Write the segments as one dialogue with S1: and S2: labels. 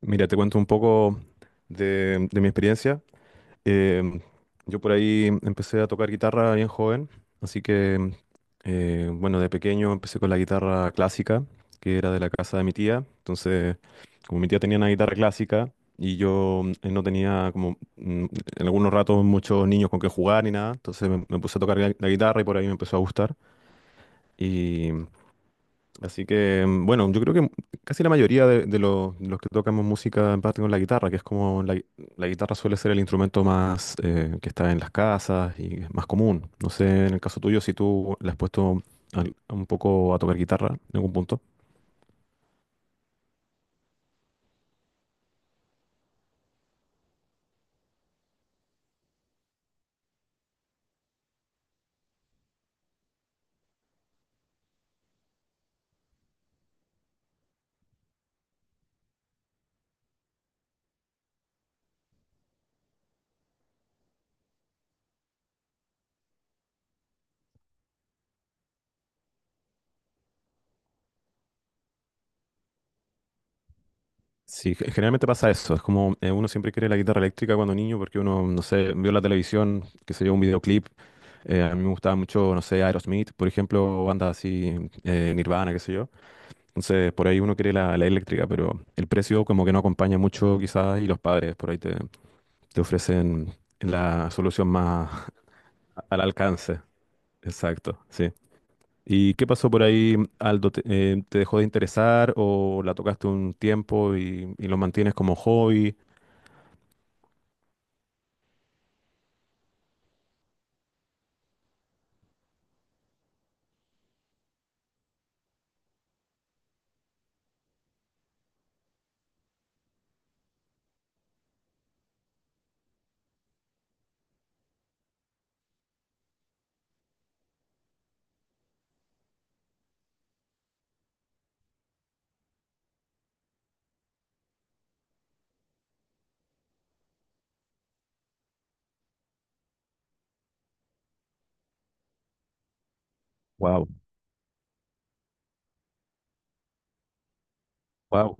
S1: Mira, te cuento un poco de mi experiencia. Em, yo por ahí empecé a tocar guitarra bien joven, así que, bueno, de pequeño empecé con la guitarra clásica, que era de la casa de mi tía. Entonces, como mi tía tenía una guitarra clásica y yo no tenía como en algunos ratos muchos niños con que jugar ni nada, entonces me puse a tocar la guitarra y por ahí me empezó a gustar. Así que, bueno, yo creo que casi la mayoría de los de los que tocamos música en parte con la guitarra, que es como la guitarra suele ser el instrumento más que está en las casas y es más común. No sé, en el caso tuyo, si tú le has puesto un poco a tocar guitarra en algún punto. Sí, generalmente pasa eso. Es como uno siempre quiere la guitarra eléctrica cuando niño porque uno, no sé, vio la televisión, que se yo, un videoclip. A mí me gustaba mucho, no sé, Aerosmith, por ejemplo, bandas así, Nirvana, qué sé yo. Entonces, por ahí uno quiere la eléctrica, pero el precio como que no acompaña mucho quizás y los padres por ahí te ofrecen la solución más al alcance. Exacto, sí. ¿Y qué pasó por ahí, Aldo? Te dejó de interesar o la tocaste un tiempo y lo mantienes como hobby? Wow, wow,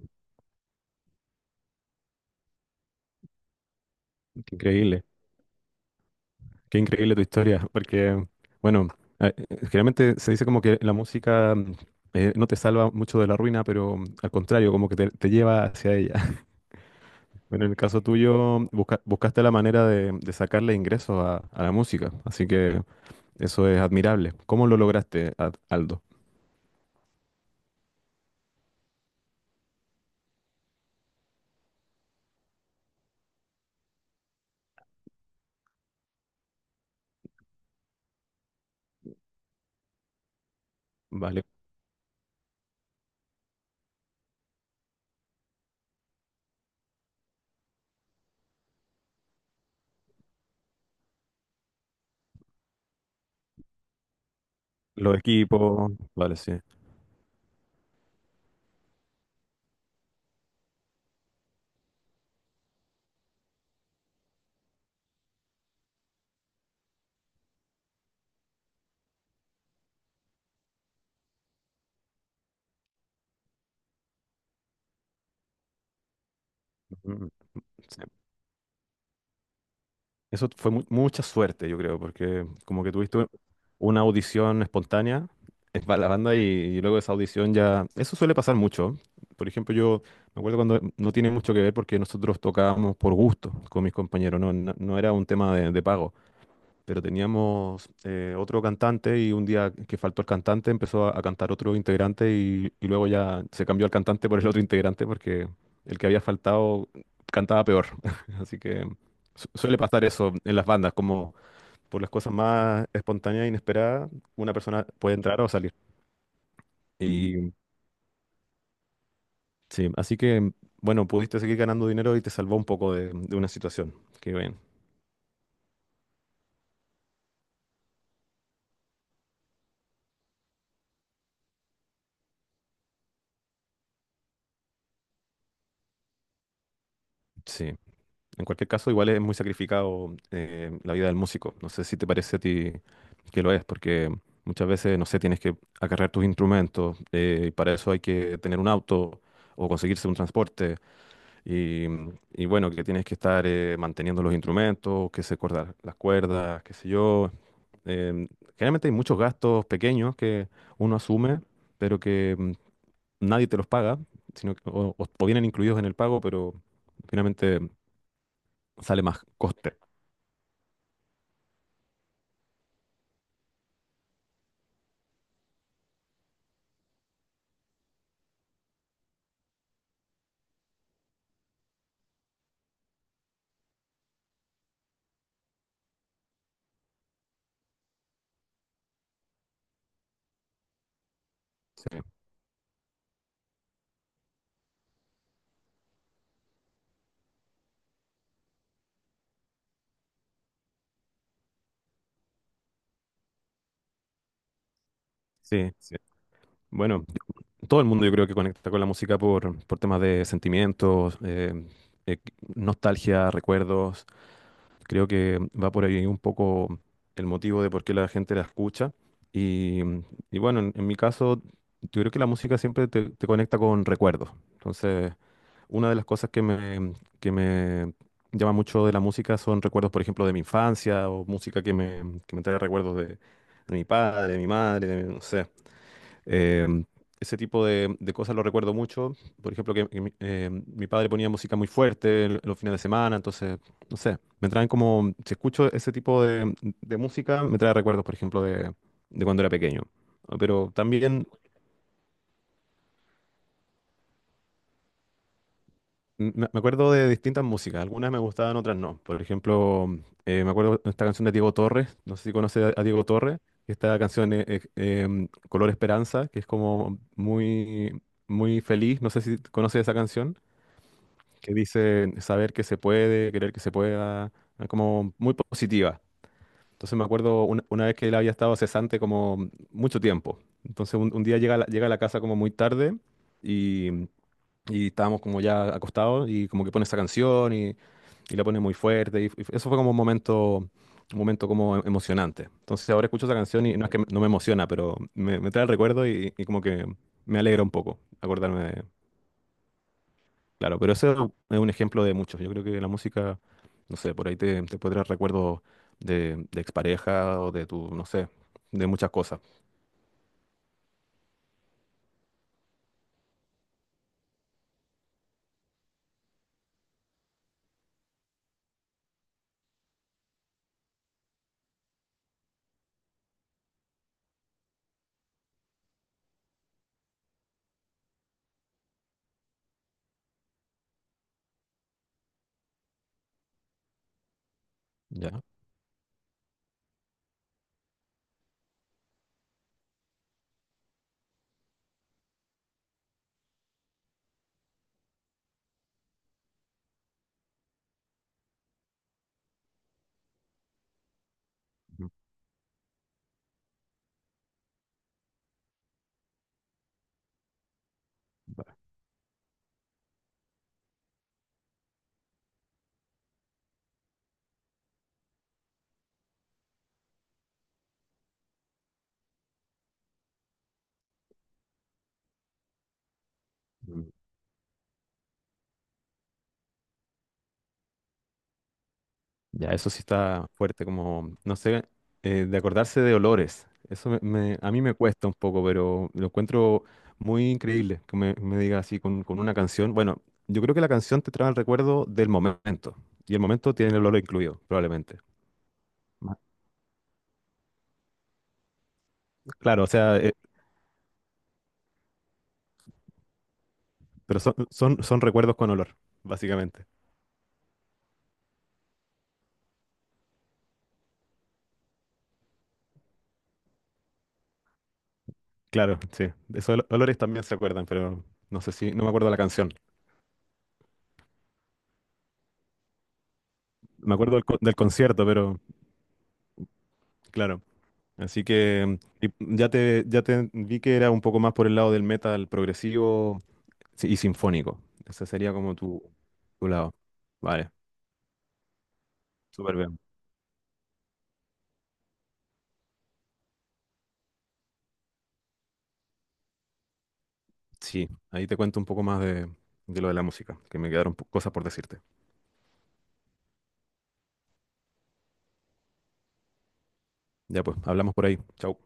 S1: qué increíble, qué increíble tu historia, porque, bueno, generalmente se dice como que la música no te salva mucho de la ruina, pero al contrario, como que te lleva hacia ella. Bueno, en el caso tuyo, buscaste la manera de sacarle ingresos a la música, así que eso es admirable. ¿Cómo lo lograste, Aldo? Vale, los equipos, vale, sí. Ujú, sí. Eso fue mucha suerte, yo creo, porque como que tuviste una audición espontánea para la banda y luego esa audición ya... Eso suele pasar mucho. Por ejemplo, yo me acuerdo cuando no tiene mucho que ver porque nosotros tocábamos por gusto con mis compañeros, no, no, no era un tema de pago. Pero teníamos otro cantante y un día que faltó el cantante empezó a cantar otro integrante y luego ya se cambió el cantante por el otro integrante porque el que había faltado cantaba peor. Así que suele pasar eso en las bandas, como por las cosas más espontáneas e inesperadas, una persona puede entrar o salir. Y sí, así que bueno, pudiste seguir ganando dinero y te salvó un poco de una situación. Qué bien. Sí. En cualquier caso, igual es muy sacrificado la vida del músico. No sé si te parece a ti que lo es, porque muchas veces, no sé, tienes que acarrear tus instrumentos, y para eso hay que tener un auto o conseguirse un transporte, y, y bueno, que tienes que estar manteniendo los instrumentos, que se cortan las cuerdas, qué sé yo. Em, Generalmente hay muchos gastos pequeños que uno asume, pero que nadie te los paga, sino que- o vienen incluidos en el pago, pero finalmente sale más coste. Sí, sí, sí. Bueno, todo el mundo yo creo que conecta con la música por temas de sentimientos, eh, nostalgia, recuerdos. Creo que va por ahí un poco el motivo de por qué la gente la escucha. Y, y bueno, en mi caso, yo creo que la música siempre te conecta con recuerdos. Entonces, una de las cosas que que me llama mucho de la música son recuerdos, por ejemplo, de mi infancia o música que que me trae recuerdos de mi padre, de mi madre, de- no sé. Em, Ese tipo de cosas lo recuerdo mucho. Por ejemplo, que mi, mi padre ponía música muy fuerte en los fines de semana, entonces, no sé, me traen como, si escucho ese tipo de música, me trae recuerdos, por ejemplo, de cuando era pequeño. Pero también me acuerdo de distintas músicas, algunas me gustaban, otras no. Por ejemplo, me acuerdo de esta canción de Diego Torres, no sé si conoces a Diego Torres, esta canción Color Esperanza, que es como muy, muy feliz, no sé si conoces esa canción, que dice saber que se puede, querer que se pueda, como muy positiva. Entonces me acuerdo una vez que él había estado cesante como mucho tiempo. Entonces un día llega a la casa como muy tarde. Y y estábamos como ya acostados y como que pone esa canción y la pone muy fuerte. Y, eso fue como un momento como emocionante. Entonces ahora escucho esa canción y no es que no me emociona, pero me trae el recuerdo y como que me alegra un poco acordarme de- Claro, pero ese es un ejemplo de muchos. Yo creo que la música, no sé, por ahí te puede traer recuerdos de expareja o de tu, no sé, de muchas cosas. ¿Ya? Ujú. Vale. Ya, eso sí está fuerte, como, no sé, de acordarse de olores. A mí me cuesta un poco, pero lo encuentro muy increíble que me diga así con una canción. Bueno, yo creo que la canción te trae el recuerdo del momento, y el momento tiene el olor incluido, probablemente. Ma- Claro, o sea, pero son, son, son recuerdos con olor, básicamente. Claro, sí. De esos olores también se acuerdan, pero no sé si, no me acuerdo la canción. Me acuerdo del, del concierto, pero claro. Así que y ya ya te vi que era un poco más por el lado del metal progresivo sí, y sinfónico. Ese sería como tu lado. Vale, súper bien. Sí, ahí te cuento un poco más de lo de la música, que me quedaron cosas por decirte. Ya pues, hablamos por ahí. Chau.